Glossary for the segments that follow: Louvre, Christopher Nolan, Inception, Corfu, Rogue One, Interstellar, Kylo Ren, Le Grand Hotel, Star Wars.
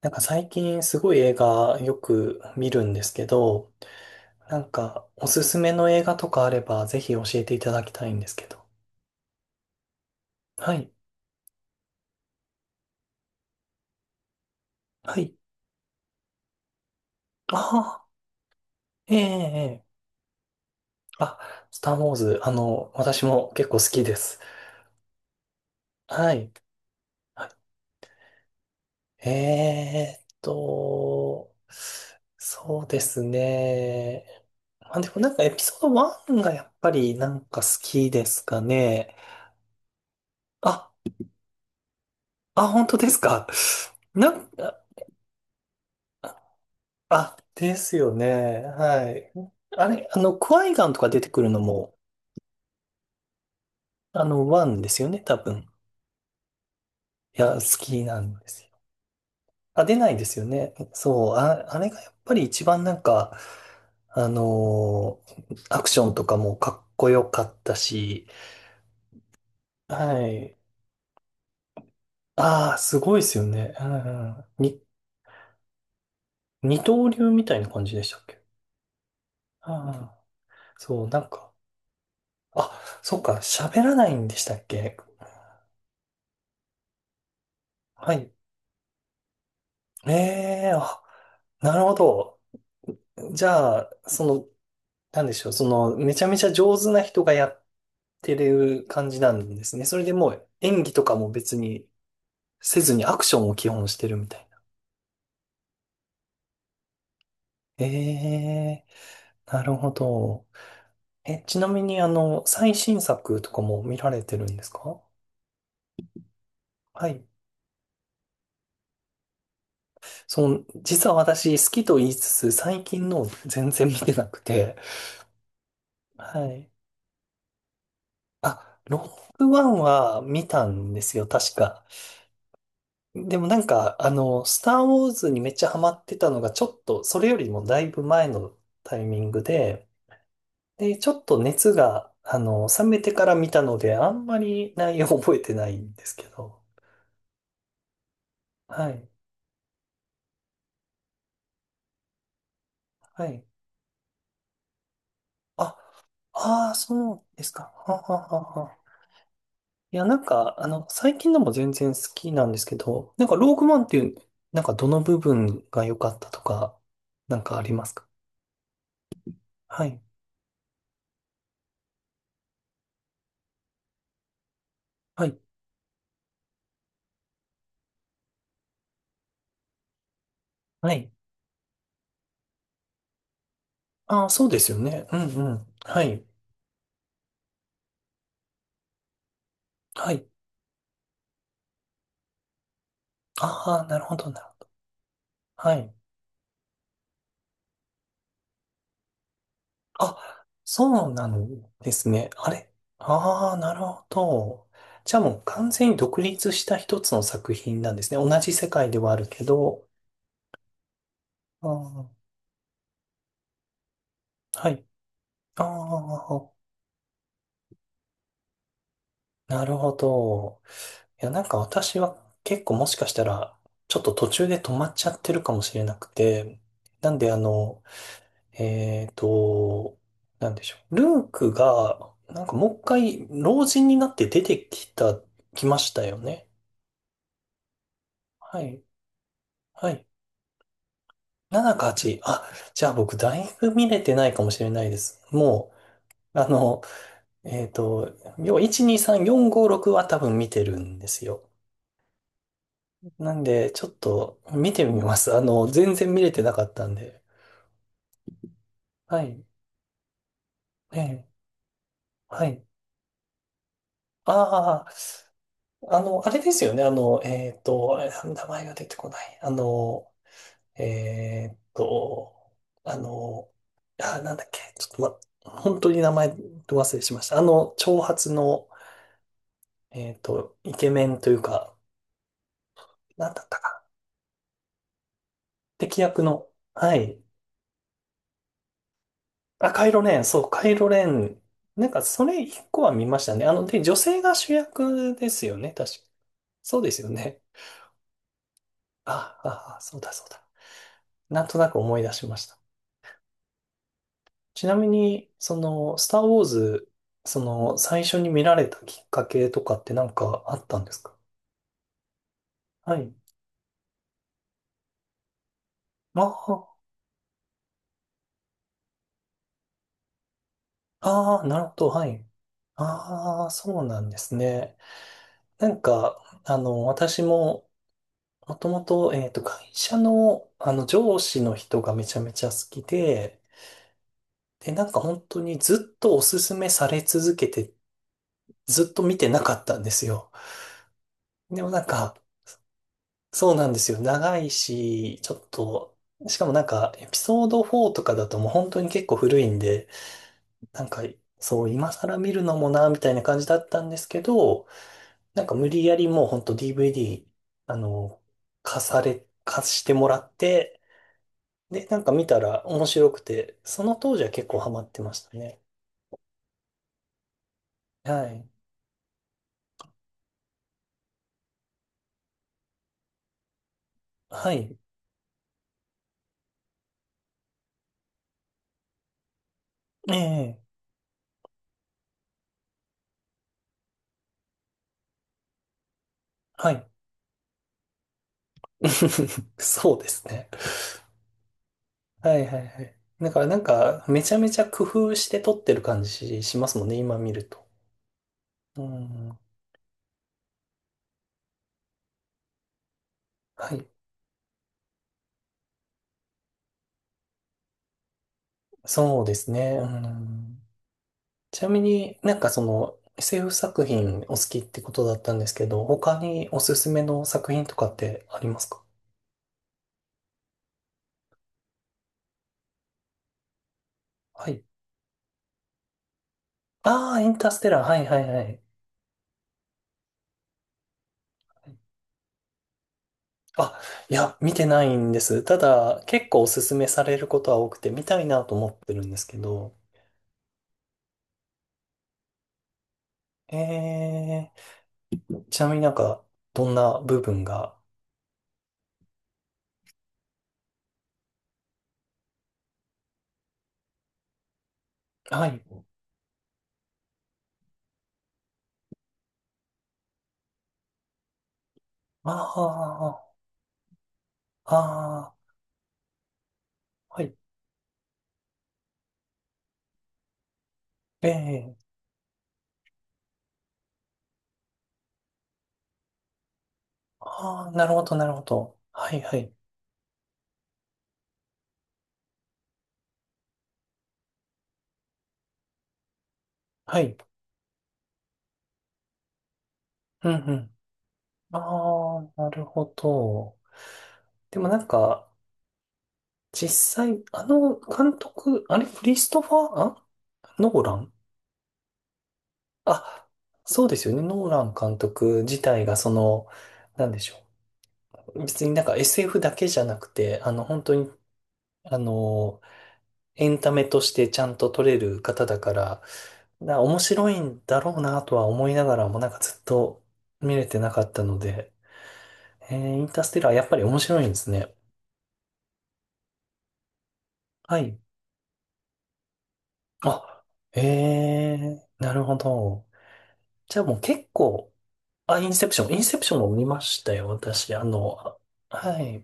最近すごい映画よく見るんですけど、おすすめの映画とかあればぜひ教えていただきたいんですけど。はい。はい。ああ、ええ、ええ。あ、スター・ウォーズ、私も結構好きです。はい。はい、そうですね。まあ、でもエピソード1がやっぱり好きですかね。あ、あ、本当ですか。なんか、あ、ですよね。はい。あれ、クワイガンとか出てくるのも、ワンですよね、多分。いや、好きなんですよ。あ、出ないですよね。そう、あ、あれがやっぱり一番アクションとかもかっこよかったし、はい。ああ、すごいですよね。うんうん、二刀流みたいな感じでしたっけ？ああ、そう、あ、そうか、喋らないんでしたっけ？はいええあ、なるほど。じゃあ、その、なんでしょう、その、めちゃめちゃ上手な人がやってる感じなんですね。それでもう演技とかも別にせずにアクションを基本してるみたいな。ええなるほど。え、ちなみに最新作とかも見られてるんですか？はい。その、実は私好きと言いつつ、最近の全然見てなくて。はい。あ、ロックワンは見たんですよ、確か。でもスター・ウォーズにめっちゃハマってたのが、ちょっと、それよりもだいぶ前のタイミングで、で、ちょっと熱が、冷めてから見たので、あんまり内容覚えてないんですけど。はい、はい。あ、ああ、そうですか。はははは。いや、最近のも全然好きなんですけど、ローグマンっていう、どの部分が良かったとか、ありますか？はい、はい、はい。ああ、そうですよね。うん、うん。はい。はい。ああ、なるほど、なるほど。はい。あ、そうなんですね。あれああー、なるほど。じゃあもう完全に独立した一つの作品なんですね。同じ世界ではあるけど。あーはい。ああ、なるほど。いや、なんか私は結構もしかしたら、ちょっと途中で止まっちゃってるかもしれなくて。なんで、えーと、なんでしょう。ルークが、もう一回、老人になって出てきた、来ましたよね。はい。はい。7か8。あ、じゃあ僕、だいぶ見れてないかもしれないです。もう、あの、えーと、要は1、2、3、4、5、6は多分見てるんですよ。なんで、ちょっと見てみます。全然見れてなかったんで。はい。ええはい。ああの、あれですよね。あれ名前が出てこない。えっと、あの、あ、なんだっけ。ちょっと、ま、本当に名前忘れしました。長髪の、イケメンというか、なんだったか。敵役の、はい。あ、カイロレン、そう、カイロレン。それ一個は見ましたね。あの、女性が主役ですよね。確か。そうですよね。あ、あ、あそうだ、そうだ。なんとなく思い出しました。ちなみに、その、スター・ウォーズ、その、最初に見られたきっかけとかってあったんですか？はい。ああ、ああ、なるほど、はい。ああ、そうなんですね。私も、もともと、会社の、上司の人がめちゃめちゃ好きで、で、本当にずっとおすすめされ続けて、ずっと見てなかったんですよ。でもなんか、そうなんですよ。長いし、ちょっと、しかもエピソード4とかだともう本当に結構古いんで、なんか、そう、今更見るのもな、みたいな感じだったんですけど、無理やりもう本当 DVD、あの、貸され、貸してもらって、で、見たら面白くて、その当時は結構ハマってましたね。はい。はい。ええ、はい。そうですね。はいはいはい。だからめちゃめちゃ工夫して撮ってる感じしますもんね、今見ると。うん。はい。そうですね。うん。ちなみにその SF 作品お好きってことだったんですけど、他におすすめの作品とかってありますか？はい。ああ、インターステラー。はいはいはい。あ、いや、見てないんです。ただ、結構おすすめされることは多くて、見たいなと思ってるんですけど、えー、ちなみにどんな部分がはい。ああ、ああ、はい。ええ、ああ、なるほど、なるほど。はい、はい、はい。うん、うん。ああ、なるほど。でも実際、あの監督、あれ、クリストファー、あノーランあ、そうですよね。ノーラン監督自体が、その、なんでしょう。別にSF だけじゃなくて、本当に、あの、エンタメとしてちゃんと撮れる方だから、だ面白いんだろうなとは思いながらも、なんかずっと見れてなかったので、えー、インターステラーやっぱり面白いんですね。はい。あ、ええー、なるほど。じゃあもう結構、あ、インセプション、インセプションも見ましたよ、私。あの、あはい。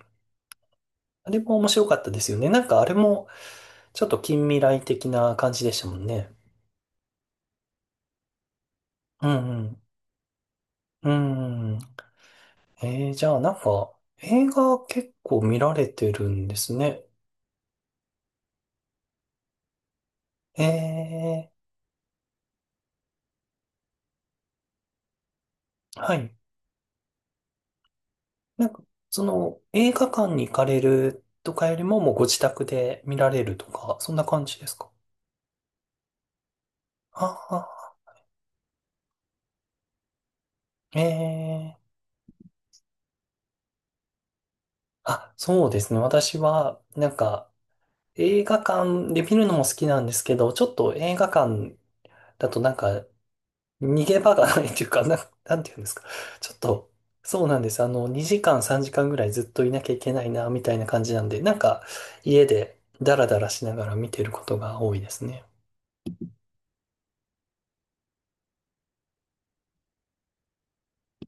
あれも面白かったですよね。あれもちょっと近未来的な感じでしたもんね。うんうん。うん。えー、じゃあ映画結構見られてるんですね。えーはい。なんか、その、映画館に行かれるとかよりも、もうご自宅で見られるとか、そんな感じですか？ああ、ええあ、そうですね。私は、映画館で見るのも好きなんですけど、ちょっと映画館だと逃げ場がないというか、なんていうんですか。ちょっと、そうなんです。あの、2時間、3時間ぐらいずっといなきゃいけないな、みたいな感じなんで、家でダラダラしながら見てることが多いですね。